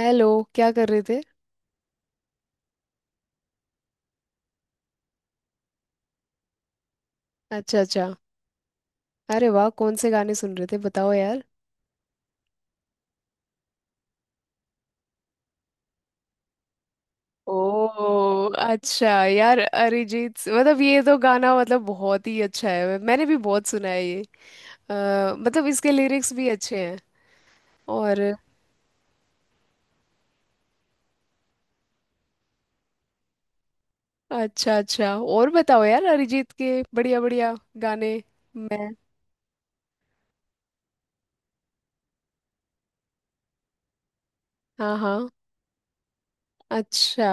Hello. क्या कर रहे थे। अच्छा, अच्छा। अरे वाह, कौन से गाने सुन रहे थे बताओ यार। ओ अच्छा यार, मतलब ये तो गाना मतलब बहुत ही अच्छा है, मैंने भी बहुत सुना है ये। मतलब इसके लिरिक्स भी अच्छे हैं। और। अच्छा, अच्छा। और बताओ यार अरिजीत के बढ़िया बढ़िया गाने। मैं। हाँ, हाँ। अच्छा।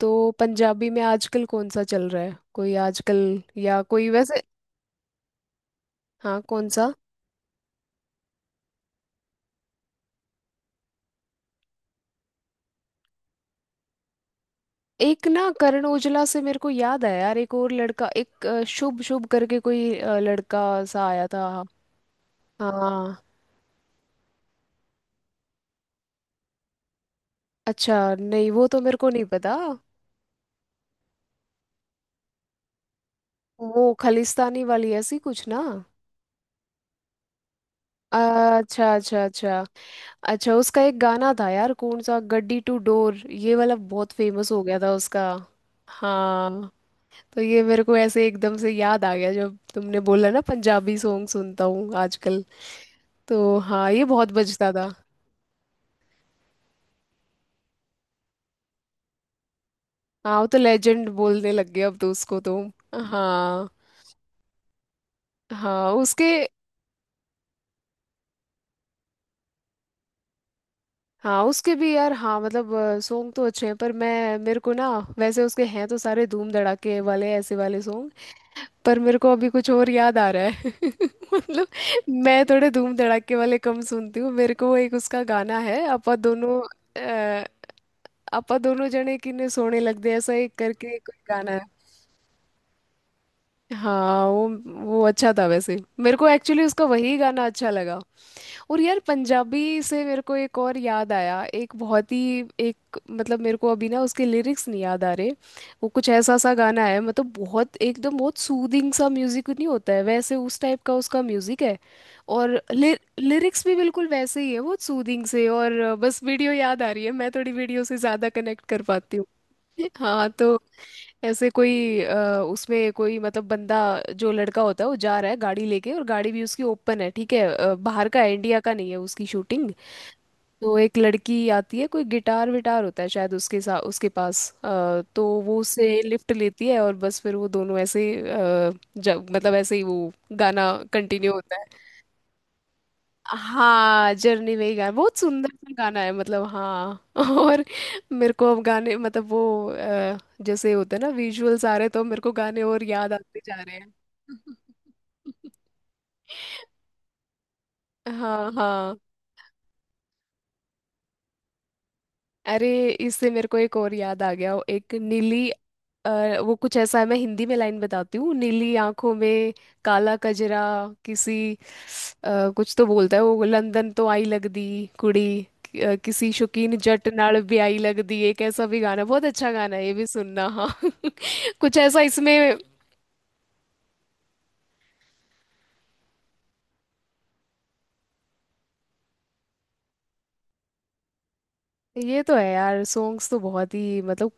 तो। पंजाबी में आजकल कौन सा चल रहा है कोई आजकल। या कोई वैसे। हाँ, कौन सा। एक ना, करण ओजला से मेरे को याद आया यार, एक और लड़का, एक शुभ शुभ करके कोई लड़का सा आया था। हाँ। अच्छा नहीं, वो तो मेरे को नहीं पता। वो खालिस्तानी वाली ऐसी कुछ ना। अच्छा, अच्छा, अच्छा। अच्छा, उसका एक गाना था यार कौन सा गड्डी टू डोर, ये वाला बहुत फेमस हो गया था उसका। हाँ। तो ये मेरे को ऐसे एकदम से याद आ गया जब तुमने बोला ना पंजाबी सॉन्ग सुनता हूँ आजकल। तो हाँ, ये बहुत बजता था। हाँ, वो तो लेजेंड बोलने लग गया अब तो उसको तो। हाँ। हाँ उसके। हाँ, उसके भी यार, हाँ मतलब। सॉन्ग तो अच्छे हैं पर मैं मेरे को ना। वैसे उसके हैं तो सारे धूम धड़ाके वाले ऐसे वाले सॉन्ग। पर मेरे को अभी कुछ और याद आ रहा है मतलब। मैं थोड़े धूम धड़ाके वाले कम सुनती हूँ। मेरे को एक उसका गाना है अपा दोनों। अ, अपा दोनों जने किन्ने सोने लगदे ऐसा एक करके कोई गाना है। हाँ वो। वो अच्छा था, वैसे मेरे को एक्चुअली उसका वही गाना अच्छा लगा। और यार पंजाबी से मेरे को एक और याद आया, एक बहुत ही एक मतलब मेरे को अभी ना उसके लिरिक्स नहीं याद आ रहे। वो कुछ ऐसा सा गाना है, मतलब बहुत एकदम बहुत सूदिंग सा म्यूजिक नहीं होता है वैसे, उस टाइप का उसका म्यूजिक है। और लिरिक्स भी बिल्कुल वैसे ही है, बहुत सूदिंग से। और बस वीडियो याद आ रही है, मैं थोड़ी वीडियो से ज़्यादा कनेक्ट कर पाती हूँ। हाँ तो। ऐसे कोई उसमें कोई मतलब बंदा। जो लड़का होता है वो जा रहा है गाड़ी लेके, और गाड़ी भी उसकी ओपन है, ठीक है, बाहर का है, इंडिया का नहीं है उसकी शूटिंग। तो एक लड़की आती है, कोई गिटार विटार होता है शायद उसके साथ उसके पास, तो वो उससे लिफ्ट लेती है और बस फिर वो दोनों ऐसे जब मतलब ऐसे ही वो गाना कंटिन्यू होता है। हाँ जर्नी में ही गाना, बहुत सुंदर सा गाना है मतलब, हाँ और। मेरे को अब गाने मतलब वो जैसे होते हैं ना विजुअल्स आ रहे तो मेरे को गाने और याद आते जा रहे हैं। हाँ, हाँ। अरे इससे मेरे को एक और याद आ गया, एक नीली। वो कुछ ऐसा है, मैं हिंदी में लाइन बताती हूँ, नीली आंखों में। काला कजरा। किसी। ਕੁਝ ਤਾਂ ਬੋਲਦਾ ਹੈ ਉਹ ਲੰਦਨ ਤੋਂ ਆਈ ਲੱਗਦੀ। ਕੁੜੀ। ਕਿसी शौकीन जट ਨਾਲ ਵੀ ਆਈ ਲੱਗਦੀ, एक ऐसा भी गाना, बहुत अच्छा गाना है, ये भी सुनना, हाँ कुछ ऐसा इसमें। ये तो है यार, सॉन्ग्स तो बहुत ही। मतलब।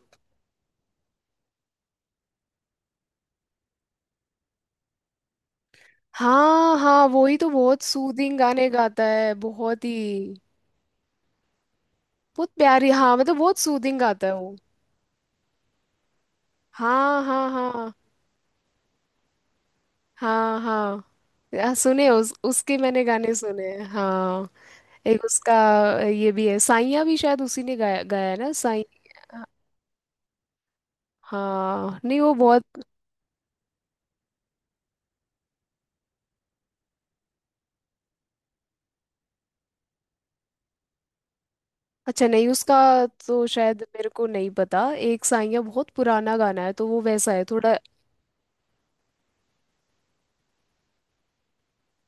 हाँ, हाँ, वो ही तो बहुत सूदिंग गाने गाता है बहुत ही। बहुत प्यारी, हाँ मतलब, बहुत सूदिंग गाता है वो। हाँ, हाँ, हाँ। हाँ, हाँ। सुने उस उसके मैंने गाने सुने हैं, हाँ। एक उसका। ये भी है, साइया भी शायद उसी ने गाया गाया है ना साई। हाँ नहीं, वो बहुत। अच्छा नहीं उसका। तो शायद मेरे को नहीं पता, एक साइया बहुत पुराना गाना है तो वो वैसा है थोड़ा।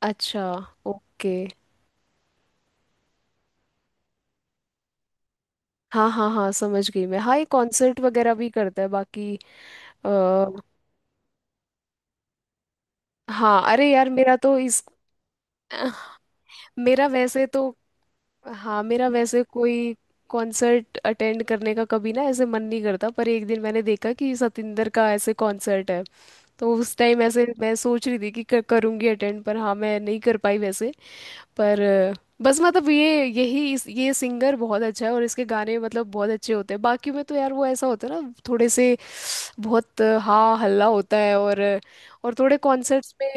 अच्छा। ओके। हाँ, हाँ, हाँ, समझ गई मैं। हाँ, ये कॉन्सर्ट वगैरह भी करता है बाकी। आ, हाँ अरे यार, मेरा तो इस मेरा वैसे तो। हाँ मेरा वैसे कोई कॉन्सर्ट अटेंड करने का कभी ना ऐसे मन नहीं करता, पर एक दिन मैंने देखा कि सतिंदर का ऐसे कॉन्सर्ट है। तो उस टाइम ऐसे मैं सोच रही थी कि करूंगी अटेंड, पर हाँ मैं नहीं कर पाई वैसे। पर बस मतलब ये यही इस ये सिंगर बहुत अच्छा है, और इसके गाने मतलब बहुत अच्छे होते हैं, बाकी में तो यार वो ऐसा होता है ना थोड़े से। बहुत हाँ हल्ला होता है और और थोड़े कॉन्सर्ट्स में।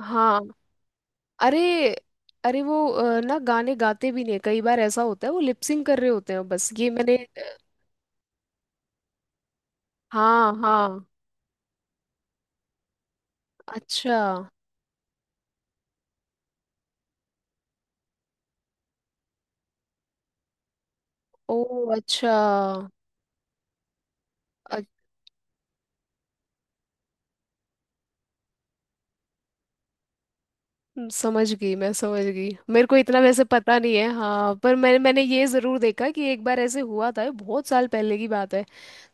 हाँ अरे। अरे वो ना गाने गाते भी नहीं, कई बार ऐसा होता है, वो लिपसिंग कर रहे होते हैं बस। ये मैंने। हाँ, हाँ। अच्छा। ओ अच्छा। समझ गई मैं, समझ गई। मेरे को इतना वैसे पता नहीं है हाँ, पर मैंने मैंने ये ज़रूर देखा कि एक बार ऐसे हुआ था, ये बहुत साल पहले की बात है।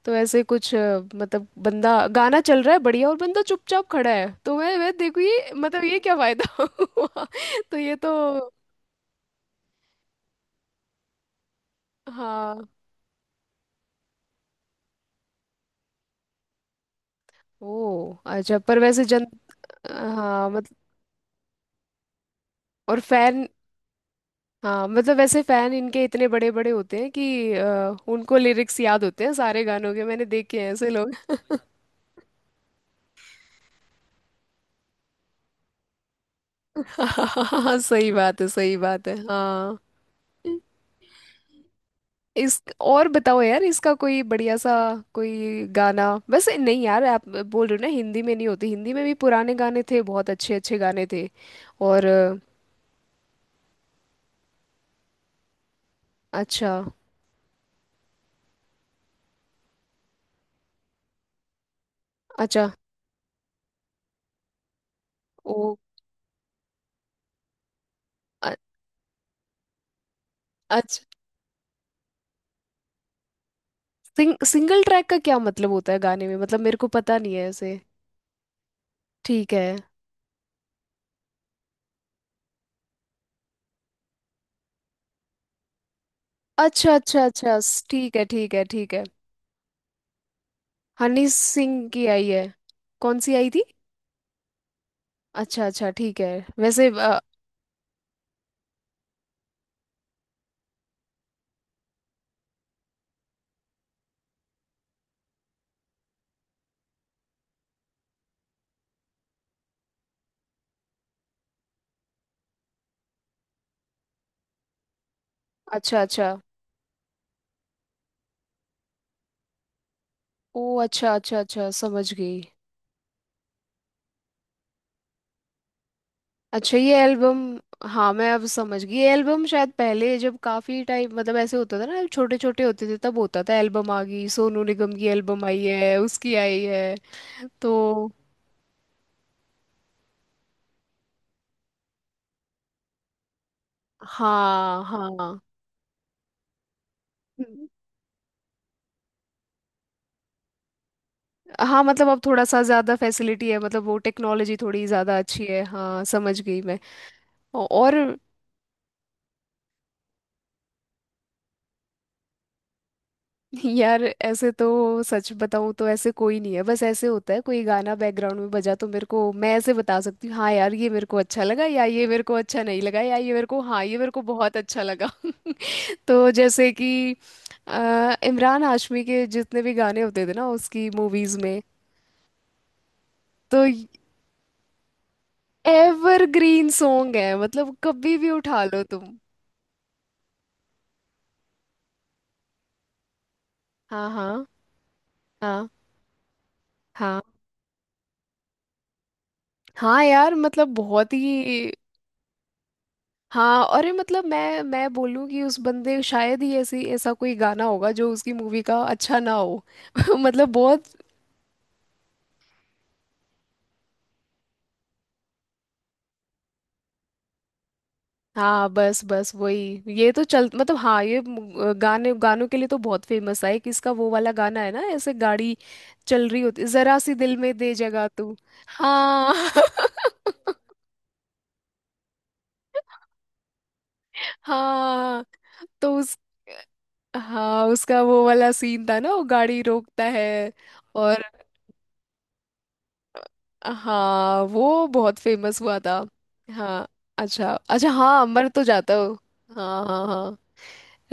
तो ऐसे कुछ मतलब बंदा, गाना चल रहा है बढ़िया और बंदा चुपचाप खड़ा है, तो मैं देखू ये मतलब ये क्या फायदा हुआ। तो ये तो। हाँ। ओ अच्छा, पर वैसे जन। हाँ मतलब। और फैन। हाँ मतलब वैसे फैन इनके इतने बड़े बड़े होते हैं कि उनको लिरिक्स याद होते हैं सारे गानों के, मैंने देखे हैं ऐसे लोग। सही बात है, सही बात है, हाँ। इस, और बताओ यार इसका कोई बढ़िया सा। कोई गाना वैसे नहीं यार, आप बोल रहे हो ना हिंदी में नहीं होती, हिंदी में भी पुराने गाने थे, बहुत अच्छे अच्छे गाने थे। और अच्छा। अच्छा। ओ अ- अच्छा। सिंगल ट्रैक का क्या मतलब होता है गाने में, मतलब मेरे को पता नहीं है ऐसे। ठीक है। अच्छा, अच्छा, अच्छा, ठीक है, ठीक है, ठीक है। हनी सिंह की आई है। कौन सी आई थी। अच्छा, अच्छा, ठीक है वैसे। अच्छा, अच्छा, ओ अच्छा, अच्छा, अच्छा, समझ गई। अच्छा ये एल्बम। हाँ मैं अब समझ गई ये एल्बम, शायद पहले जब काफी टाइम मतलब ऐसे होता था ना, छोटे छोटे होते थे तब होता था एल्बम आ गई, सोनू निगम की एल्बम आई है उसकी आई है। तो। हाँ, हाँ, हाँ, मतलब अब थोड़ा सा ज्यादा फैसिलिटी है, मतलब वो टेक्नोलॉजी थोड़ी ज्यादा अच्छी है, हाँ समझ गई मैं। और। यार ऐसे तो सच बताऊं तो ऐसे कोई नहीं है, बस ऐसे होता है कोई गाना बैकग्राउंड में बजा तो मेरे को मैं ऐसे बता सकती हूँ, हाँ यार ये मेरे को अच्छा लगा, या ये मेरे को अच्छा नहीं लगा, या ये मेरे को, हाँ ये मेरे को बहुत अच्छा लगा। तो जैसे कि इमरान हाशमी के जितने भी गाने होते थे ना उसकी मूवीज में। तो एवरग्रीन सॉन्ग है मतलब कभी भी उठा लो तुम। हाँ, हाँ, हाँ। हाँ, हाँ। यार मतलब बहुत ही। हाँ, और ये मतलब मैं बोलूँ कि उस बंदे शायद ही ऐसी ऐसा कोई गाना होगा जो उसकी मूवी का अच्छा ना हो। मतलब बहुत। हाँ, बस बस वही ये तो चल मतलब, हाँ ये गाने गानों के लिए तो बहुत फेमस है, कि इसका वो वाला गाना है ना ऐसे गाड़ी चल रही होती, जरा सी दिल में दे जगह तू। हाँ हाँ तो उस। हाँ उसका वो वाला सीन था ना, वो गाड़ी रोकता है। और। हाँ, वो बहुत फेमस हुआ था। हाँ। अच्छा, अच्छा, हाँ अमर तो जाता हो। हाँ, हाँ, हाँ।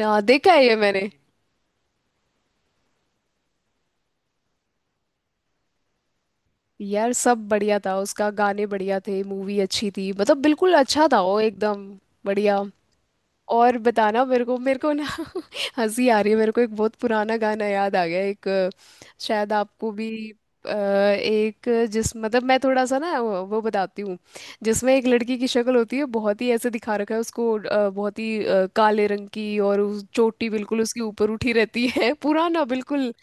हाँ, देखा है ये मैंने। यार सब बढ़िया था उसका, गाने बढ़िया थे, मूवी अच्छी थी, मतलब बिल्कुल अच्छा था वो एकदम बढ़िया। और बताना मेरे को ना हंसी आ रही है मेरे को, एक बहुत पुराना गाना याद आ गया, एक शायद आपको भी एक जिस मतलब मैं थोड़ा सा ना वो बताती हूँ। जिसमें एक लड़की की शक्ल होती है बहुत ही ऐसे दिखा रखा है उसको, बहुत ही काले रंग की, और उस चोटी बिल्कुल उसके ऊपर उठी रहती है पुराना बिल्कुल।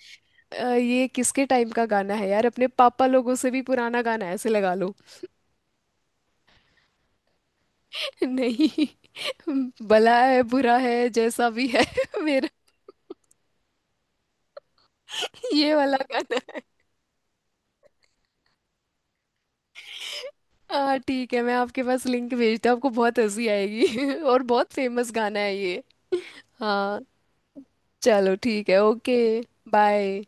ये किसके टाइम का गाना है यार, अपने पापा लोगों से भी पुराना गाना है ऐसे लगा लो। नहीं। भला है बुरा है जैसा भी है मेरा। ये वाला गाना है। हाँ ठीक है, मैं आपके पास लिंक भेजता हूँ, आपको बहुत हंसी आएगी और बहुत फेमस गाना है ये। हाँ। चलो ठीक है ओके। बाय।